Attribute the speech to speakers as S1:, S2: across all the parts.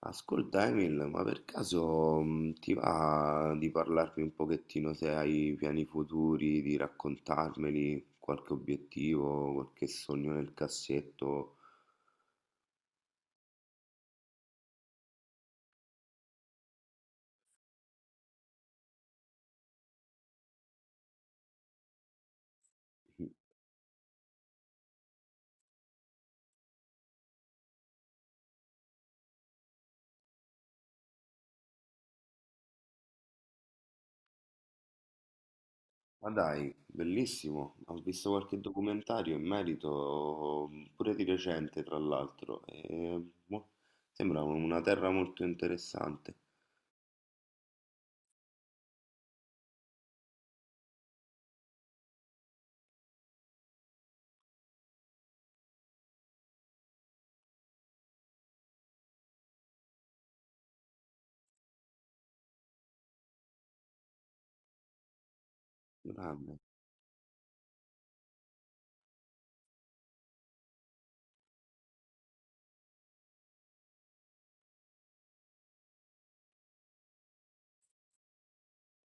S1: Ascolta Emil, ma per caso ti va di parlarmi un pochettino se hai piani futuri, di raccontarmeli, qualche obiettivo, qualche sogno nel cassetto? Ma dai, bellissimo, ho visto qualche documentario in merito, pure di recente tra l'altro, e boh, sembra una terra molto interessante. Grande.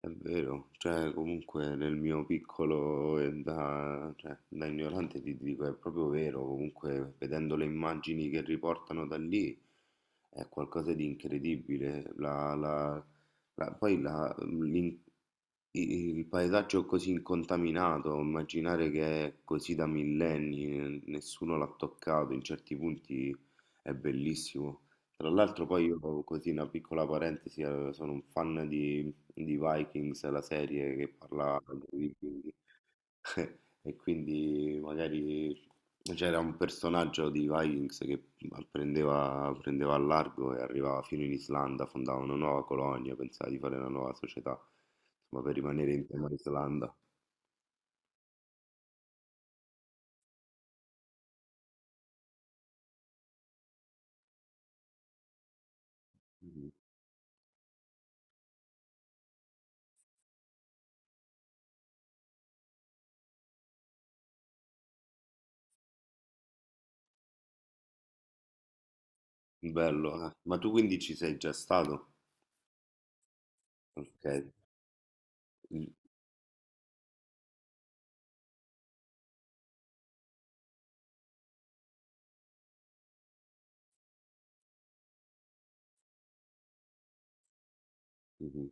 S1: È vero, cioè comunque nel mio piccolo e da, cioè, da ignorante ti dico è proprio vero, comunque vedendo le immagini che riportano da lì è qualcosa di incredibile, la, la, la- poi la, l'in- i- Il paesaggio così incontaminato, immaginare che è così da millenni, nessuno l'ha toccato, in certi punti è bellissimo. Tra l'altro poi io, così una piccola parentesi, sono un fan di Vikings, la serie che parla di vichinghi, e quindi magari c'era un personaggio di Vikings che prendeva, prendeva a largo e arrivava fino in Islanda, fondava una nuova colonia, pensava di fare una nuova società, insomma, per rimanere in tema Islanda. Mm. Bello, eh. Ma tu quindi ci sei già stato? Ok. Mm. Mhm.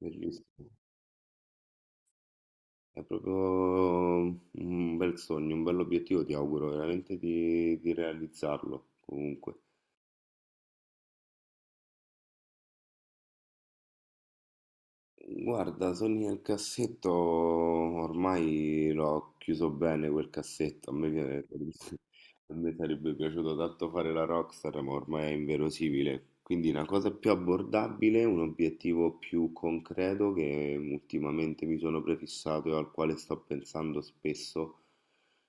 S1: Bellissimo. È proprio un bel sogno, un bel obiettivo, ti auguro veramente di realizzarlo comunque. Guarda, sogni nel cassetto, ormai l'ho chiuso bene quel cassetto, a me, a me sarebbe piaciuto tanto fare la Rockstar, ma ormai è inverosimile. Quindi una cosa più abbordabile, un obiettivo più concreto che ultimamente mi sono prefissato e al quale sto pensando spesso,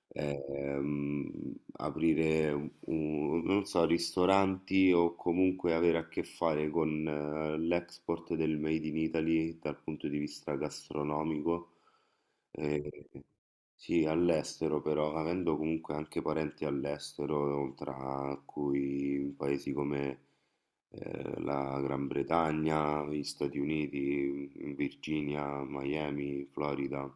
S1: ehm, aprire un, non so, ristoranti o comunque avere a che fare con l'export del Made in Italy dal punto di vista gastronomico. Eh, sì, all'estero però, avendo comunque anche parenti all'estero, tra cui paesi come la Gran Bretagna, gli Stati Uniti, Virginia, Miami, Florida.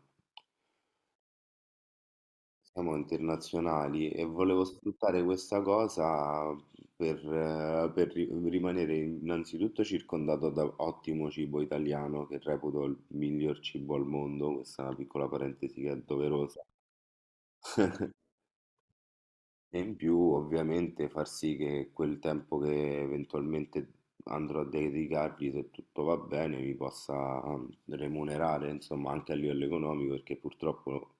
S1: Siamo internazionali e volevo sfruttare questa cosa per rimanere innanzitutto circondato da ottimo cibo italiano, che reputo il miglior cibo al mondo, questa è una piccola parentesi che è doverosa. E in più ovviamente far sì che quel tempo che eventualmente andrò a dedicargli, se tutto va bene, mi possa remunerare, insomma, anche a livello economico, perché purtroppo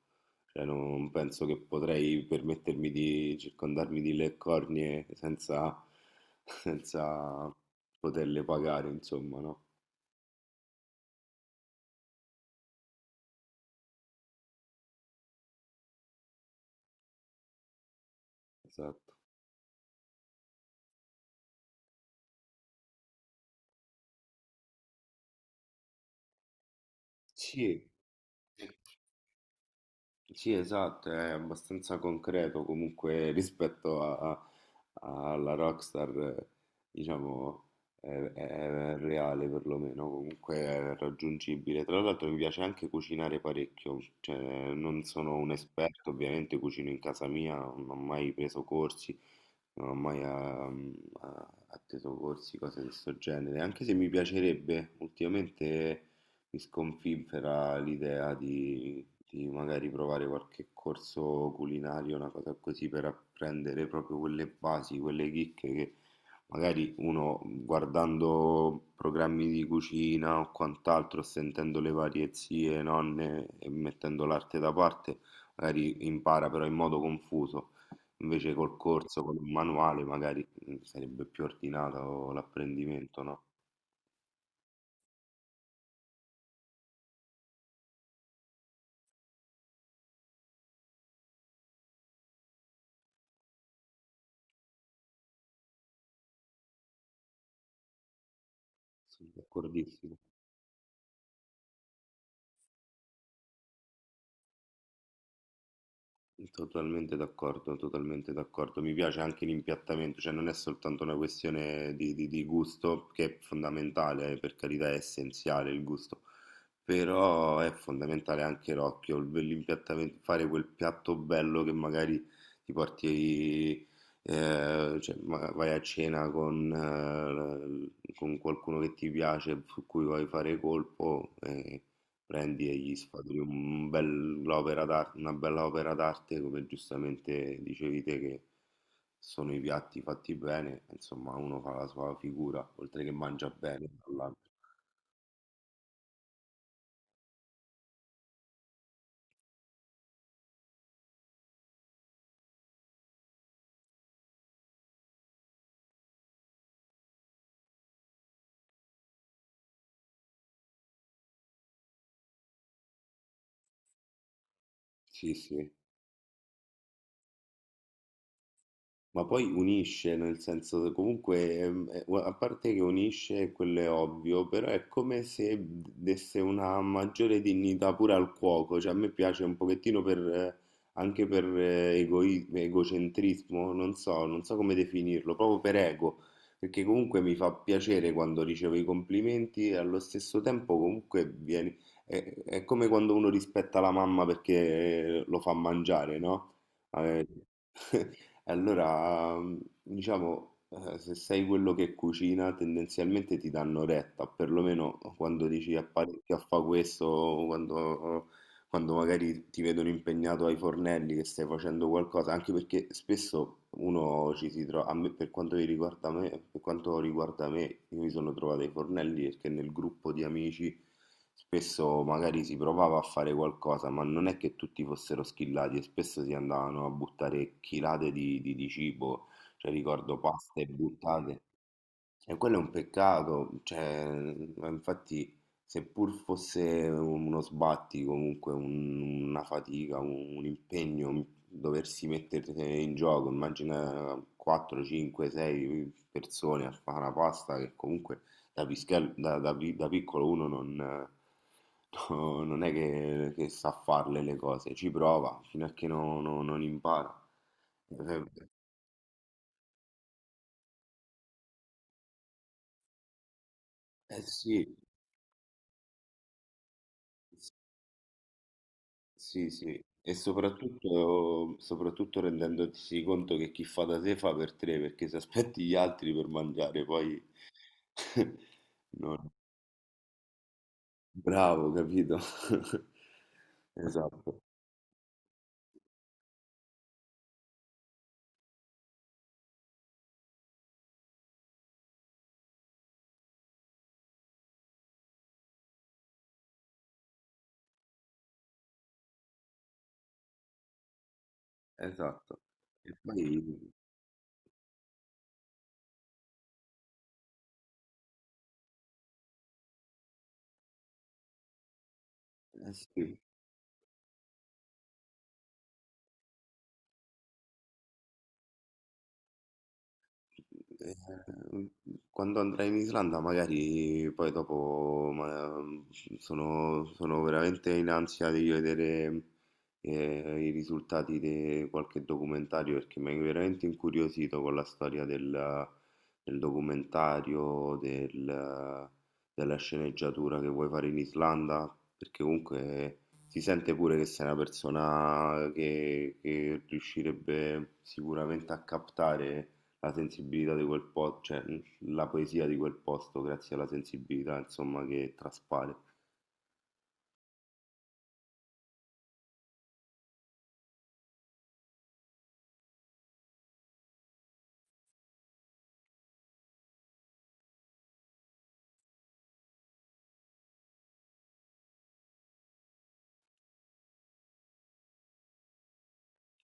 S1: cioè, non penso che potrei permettermi di circondarmi di le cornie senza, senza poterle pagare, insomma, no? Esatto. Sì. Sì, esatto, è abbastanza concreto comunque rispetto alla Rockstar, eh, diciamo, è reale perlomeno, comunque è raggiungibile. Tra l'altro mi piace anche cucinare parecchio, cioè non sono un esperto, ovviamente cucino in casa mia, non ho mai preso corsi, non ho mai atteso corsi, cose di questo genere, anche se mi piacerebbe, ultimamente mi sconfinfera l'idea di magari provare qualche corso culinario, una cosa così per apprendere proprio quelle basi, quelle chicche che magari uno guardando programmi di cucina o quant'altro, sentendo le varie zie, nonne e mettendo l'arte da parte, magari impara però in modo confuso. Invece col corso, con un manuale, magari sarebbe più ordinato l'apprendimento, no? Sono d'accordissimo. Totalmente d'accordo, totalmente d'accordo. Mi piace anche l'impiattamento, cioè non è soltanto una questione di, di gusto, che è fondamentale, per carità è essenziale il gusto, però è fondamentale anche l'occhio, l'impiattamento, fare quel piatto bello che magari ti porti, cioè, vai a cena con qualcuno che ti piace, su cui vuoi fare colpo, prendi e gli sfaturi una bella opera d'arte, come giustamente dicevi te, che sono i piatti fatti bene, insomma, uno fa la sua figura, oltre che mangia bene dall'altro. Sì, sì. Ma poi unisce, nel senso, che comunque, a parte che unisce, quello è ovvio, però è come se desse una maggiore dignità pure al cuoco, cioè a me piace un pochettino per, anche per egocentrismo, non so, non so come definirlo, proprio per ego, perché comunque mi fa piacere quando ricevo i complimenti e allo stesso tempo comunque vieni, è come quando uno rispetta la mamma perché lo fa mangiare, no? Eh, allora, diciamo, se sei quello che cucina, tendenzialmente ti danno retta, perlomeno quando dici a parecchio a fa questo, o quando, quando magari ti vedono impegnato ai fornelli che stai facendo qualcosa, anche perché spesso uno ci si trova, a me, per quanto mi riguarda me, per quanto riguarda me, io mi sono trovato ai fornelli perché nel gruppo di amici spesso magari si provava a fare qualcosa, ma non è che tutti fossero schillati e spesso si andavano a buttare chilate di, di cibo, cioè ricordo paste buttate. E quello è un peccato, cioè, ma infatti seppur fosse uno sbatti, comunque una fatica, un impegno, doversi mettere in gioco, immagina 4, 5, 6 persone a fare una pasta che comunque da, da piccolo uno non, no, non è che sa farle le cose, ci prova fino a che non impara. Eh, eh sì. Sì, sì, e soprattutto, soprattutto rendendosi conto che chi fa da sé fa per tre, perché se aspetti gli altri per mangiare, poi... No. Bravo, capito? Esatto, esatto. E poi... eh sì. Eh, quando andrai in Islanda, magari poi dopo sono, sono veramente in ansia di vedere i risultati di qualche documentario perché mi hai veramente incuriosito con la storia del, del documentario, della sceneggiatura che vuoi fare in Islanda, perché comunque si sente pure che sei una persona che riuscirebbe sicuramente a captare la sensibilità di quel posto, cioè la poesia di quel posto, grazie alla sensibilità, insomma, che traspare.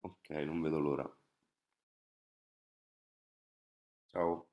S1: Ok, non vedo l'ora. Ciao.